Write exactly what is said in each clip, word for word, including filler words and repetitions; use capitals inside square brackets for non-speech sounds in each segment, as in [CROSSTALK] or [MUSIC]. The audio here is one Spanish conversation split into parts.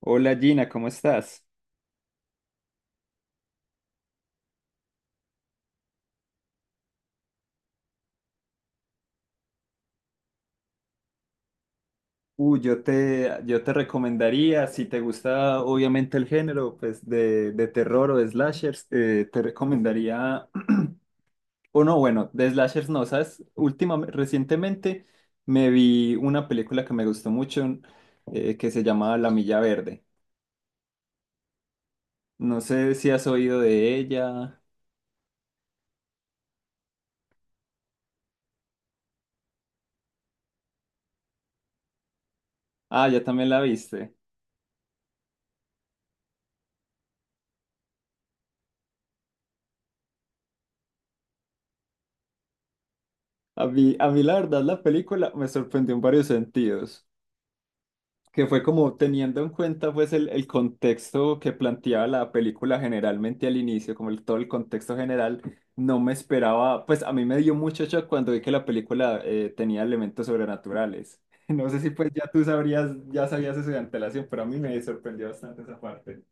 Hola Gina, ¿cómo estás? Uh, yo te, yo te recomendaría, si te gusta obviamente el género pues de, de terror o de slashers, eh, te recomendaría, [CLEARS THROAT] o no, bueno, de slashers no, ¿sabes? Últimamente, recientemente me vi una película que me gustó mucho eh, que se llamaba La Milla Verde. No sé si has oído de ella. Ah, ya también la viste. A mí, a mí la verdad la película me sorprendió en varios sentidos. que fue como teniendo en cuenta pues el, el contexto que planteaba la película generalmente al inicio, como el- todo el contexto general, no me esperaba, pues a mí me dio mucho shock cuando vi que la película eh, tenía elementos sobrenaturales. [LAUGHS] No sé si pues ya tú sabrías, ya sabías eso de antelación, pero a mí me sorprendió bastante esa parte.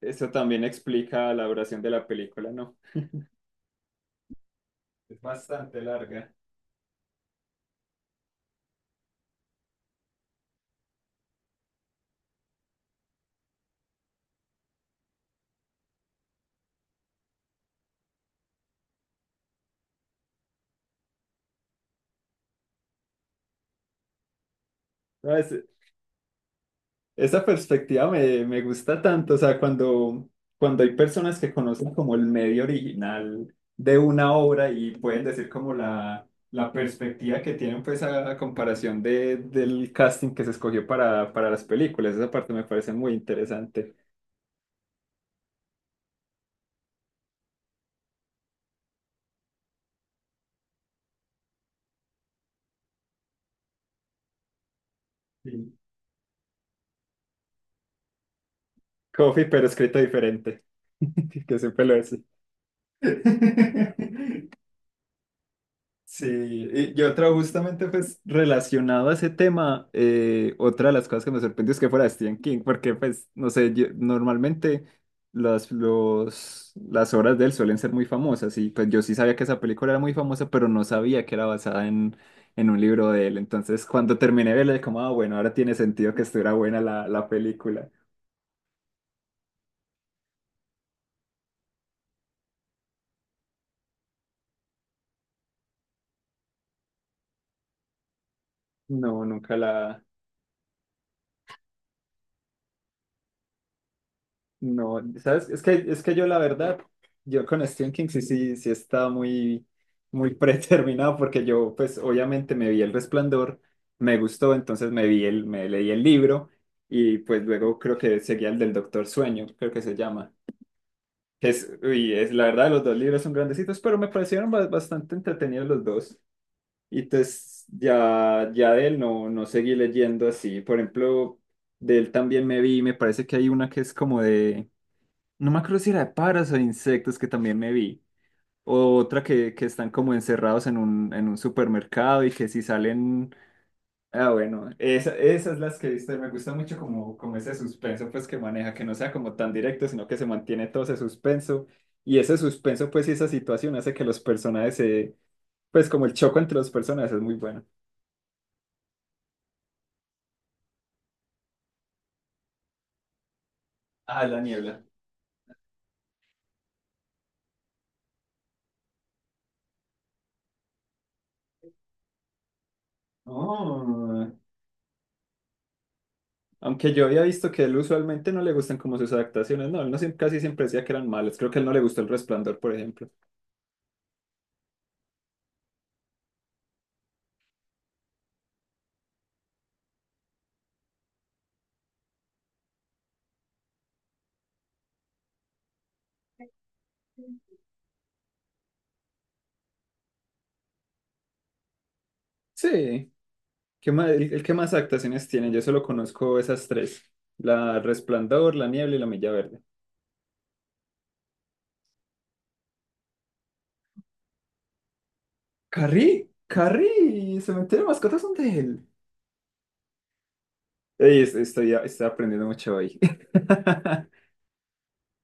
Eso también explica la duración de la película, ¿no? Es bastante larga. No, es, Esa perspectiva me, me gusta tanto, o sea, cuando, cuando hay personas que conocen como el medio original de una obra y pueden decir como la, la perspectiva que tienen pues a, a comparación de, del casting que se escogió para, para las películas, esa parte me parece muy interesante. Sí. Coffee, pero escrito diferente, [LAUGHS] que siempre lo es. [LAUGHS] Sí, y, y otra justamente pues relacionado a ese tema, eh, otra de las cosas que me sorprendió es que fuera Stephen King, porque pues, no sé, yo- normalmente las, los, las obras de él suelen ser muy famosas y pues yo sí sabía que esa película era muy famosa, pero no sabía que era basada en, en un libro de él. Entonces cuando terminé de verla, como, ah, bueno, ahora tiene sentido que estuviera buena la, la película. No, nunca la, No, ¿sabes? Es que, es que yo la verdad, yo con Stephen King sí, sí, sí estaba muy, muy [LAUGHS] predeterminado porque yo pues obviamente me vi El Resplandor, me gustó, entonces me vi el, me leí el libro y pues luego creo que seguía el del Doctor Sueño, creo que se llama. Que Es, uy, es la verdad, los dos libros son grandecitos, pero me parecieron ba- bastante entretenidos los dos. Y entonces ya, ya de él no, no seguí leyendo así. Por ejemplo, de él también me vi, me parece que hay una que es como de... No me acuerdo si era de pájaros o de insectos que también me vi. O otra que, que están como encerrados en un, en un supermercado y que si salen... Ah, bueno, esa, esas las que he visto y me gusta mucho como, como ese suspenso pues que maneja, que no sea como tan directo, sino que se mantiene todo ese suspenso. Y ese suspenso pues y esa situación hace que los personajes se... Pues como el choco entre los personajes es muy bueno. Ah, la niebla. Oh. Aunque yo había visto que él usualmente no le gustan como sus adaptaciones, no, él no siem- casi siempre decía que eran malas. Creo que a él no le gustó El Resplandor, por ejemplo. Sí, ¿qué más, el, el que más adaptaciones tiene? Yo solo conozco esas tres: La Resplandor, La Niebla y La Milla Verde. Carrie, Carrie, Cementerio de Mascotas son de él. Ey, es- estoy, estoy aprendiendo mucho hoy. [LAUGHS]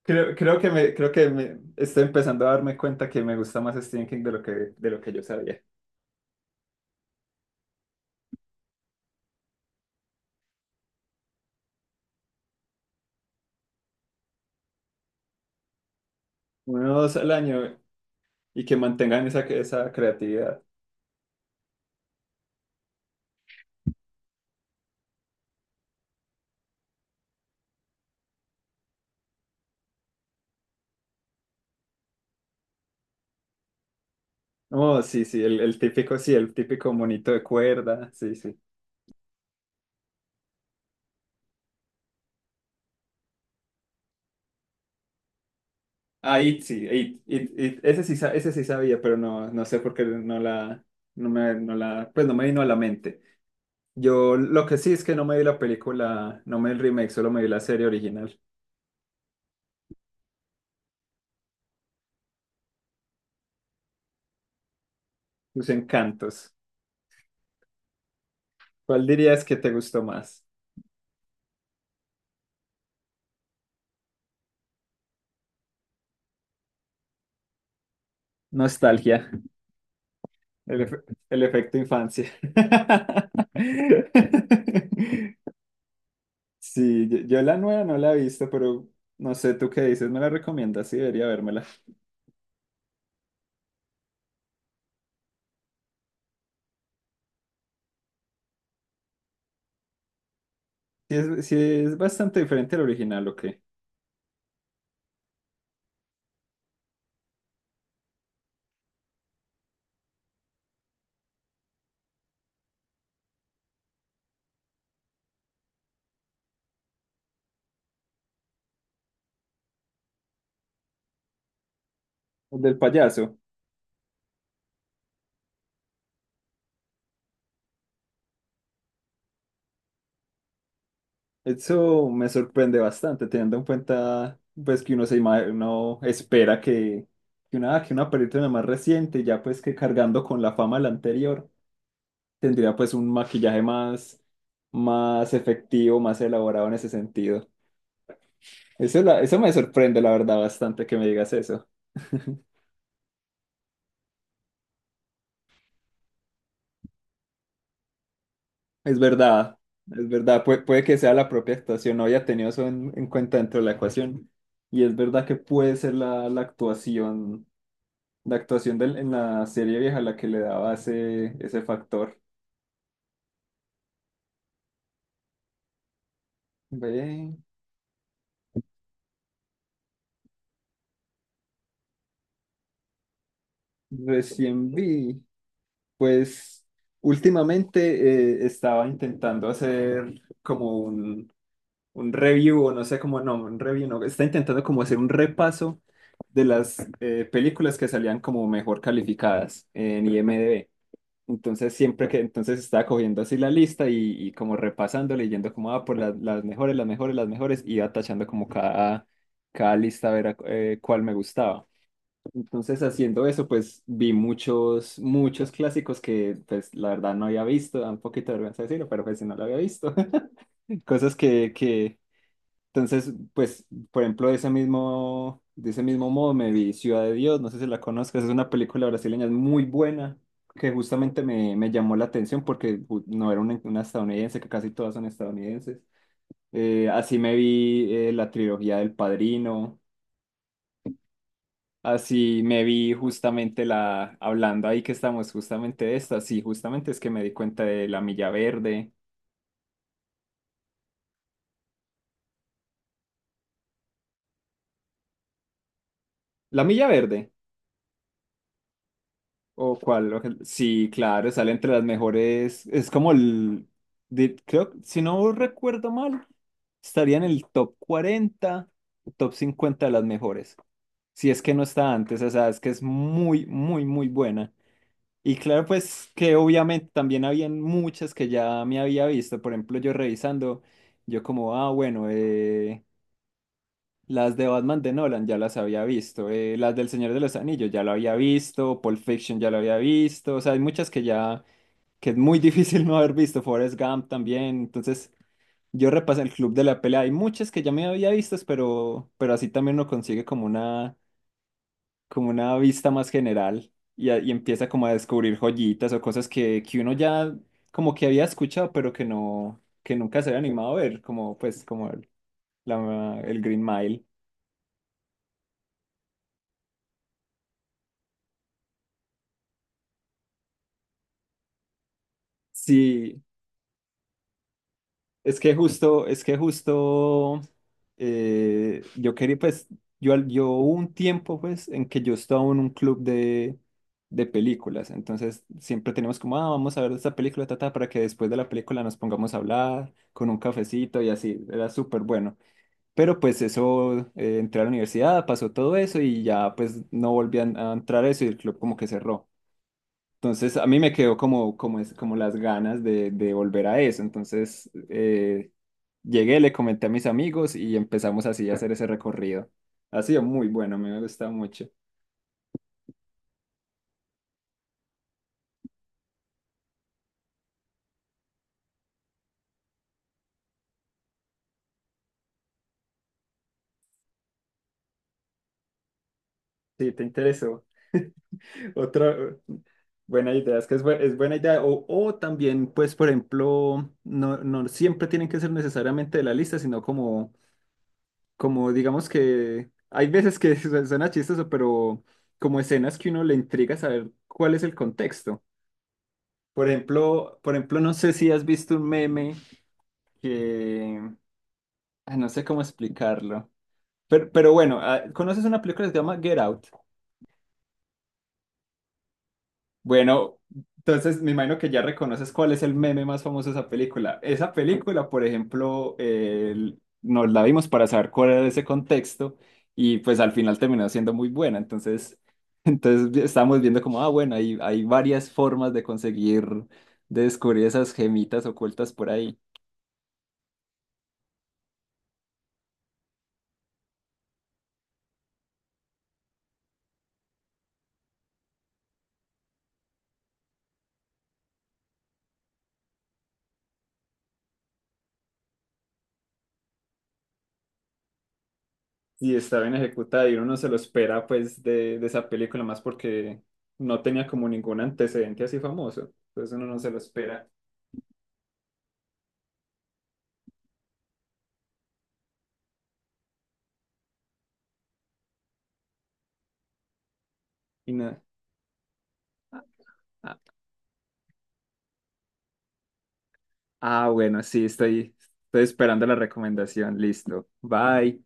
Creo, creo que me, creo que me estoy empezando a darme cuenta que me gusta más Stephen King de lo que, de lo que yo sabía. Uno o dos al año y que mantengan esa, esa creatividad. Oh, sí, sí, el, el típico, sí, el típico monito de cuerda, sí, sí. Ah, It, sí, It, It, It, ese sí, sa- ese sí sabía, pero no, no sé por qué no la, no me, no la, pues no me vino a la mente. Yo lo que sí es que no me vi la película, no me vi el remake, solo me vi la serie original. Sus encantos. ¿Cuál dirías que te gustó más? Nostalgia, el, efe- el efecto infancia. [LAUGHS] Sí, yo, yo la nueva no la he visto, pero no sé, ¿tú qué dices? ¿Me la recomiendas? Sí, debería vérmela. Sí es, sí es bastante diferente al original, ¿o qué? El del payaso. Eso me sorprende bastante, teniendo en cuenta pues que uno se ima- uno espera que, que una, que una película más reciente, ya pues que cargando con la fama de la anterior, tendría pues un maquillaje más, más efectivo, más elaborado en ese sentido. Eso, la- eso me sorprende, la verdad, bastante que me digas eso. [LAUGHS] Es verdad, es verdad, Pue- puede que sea la propia actuación, no había tenido eso en, en cuenta dentro de la ecuación. Y es verdad que puede ser la, la actuación, la actuación del, en la serie vieja la que le daba ese, ese factor. Ve, recién vi, pues últimamente eh, estaba intentando hacer como un, un review, o no sé cómo, no, un review, no, está intentando como hacer un repaso de las eh, películas que salían como mejor calificadas en IMDb. Entonces, siempre que, entonces estaba cogiendo así la lista y, y como repasando, leyendo como, ah, por las, las mejores, las mejores, las mejores, iba tachando como cada, cada lista a ver a- eh, cuál me gustaba. Entonces, haciendo eso, pues vi muchos, muchos clásicos que, pues, la verdad no había visto, da un poquito de vergüenza decirlo, pero pues si no lo había visto, [LAUGHS] cosas que, que, entonces, pues, por ejemplo, de ese mismo, de ese mismo modo me vi Ciudad de Dios, no sé si la conozcas, es una película brasileña muy buena, que justamente me, me llamó la atención porque ju- no era una, una estadounidense, que casi todas son estadounidenses. Eh, así me vi eh, la trilogía del Padrino, así me vi justamente la, hablando ahí que estamos justamente de esta, sí, justamente es que me di cuenta de La Milla Verde. La Milla Verde. O cuál, oje- sí, claro, sale entre las mejores. Es como el, de- creo, si no recuerdo mal, estaría en el top cuarenta top cincuenta de las mejores. Si es que no está antes, o sea, es que es muy, muy, muy buena. Y claro, pues que obviamente también habían muchas que ya me había visto. Por ejemplo, yo revisando, yo como, ah, bueno, eh, las de Batman de Nolan ya las había visto, eh, las del Señor de los Anillos ya lo había visto, Pulp Fiction ya lo había visto, o sea, hay muchas que ya, que es muy [LAUGHS] difícil no haber visto, Forrest Gump también, entonces yo repasé el Club de la Pelea, hay muchas que ya me había visto, pero, pero así también uno consigue como una, como una vista más general y, a- y empieza como a descubrir joyitas o cosas que, que uno ya como que había escuchado, pero que no, que nunca se había animado a ver, como pues como el, la- el Green Mile. Sí, Es que justo, es que justo, eh, yo quería, pues, yo, al- yo hubo un tiempo, pues, en que yo estaba en un club de, de películas, entonces siempre teníamos como, ah, vamos a ver esta película, tata, para que después de la película nos pongamos a hablar con un cafecito y así, era súper bueno. Pero pues eso, eh, entré a la universidad, pasó todo eso y ya pues no volví a, a entrar a eso y el club como que cerró. Entonces a mí me quedó como, como, es- como las ganas de, de volver a eso. Entonces eh, llegué, le comenté a mis amigos y empezamos así a hacer ese recorrido. Ha sido muy bueno, a mí me gusta mucho. Sí, te interesó. Otra buena idea, es que es, bu- es buena idea. O, o también, pues, por ejemplo, no, no siempre tienen que ser necesariamente de la lista, sino como, como digamos que hay veces que [LAUGHS] su- suena chistoso, pero como escenas que uno le intriga saber cuál es el contexto. Por ejemplo, por ejemplo, no sé si has visto un meme que ah, no sé cómo explicarlo. Pero, pero bueno, ah, ¿conoces una película que se llama Get Out? Bueno, entonces me imagino que ya reconoces cuál es el meme más famoso de esa película. Esa película, por ejemplo, eh, nos la vimos para saber cuál era ese contexto y pues al final terminó siendo muy buena. Entonces, [LAUGHS] entonces estábamos viendo como, ah, bueno, hay, hay varias formas de conseguir, de descubrir esas gemitas ocultas por ahí. Y está bien ejecutada y uno no se lo espera pues de, de esa película más porque no tenía como ningún antecedente así famoso, entonces uno no se lo espera y nada. Ah, ah, ah, bueno, sí, estoy, estoy esperando la recomendación, listo, bye.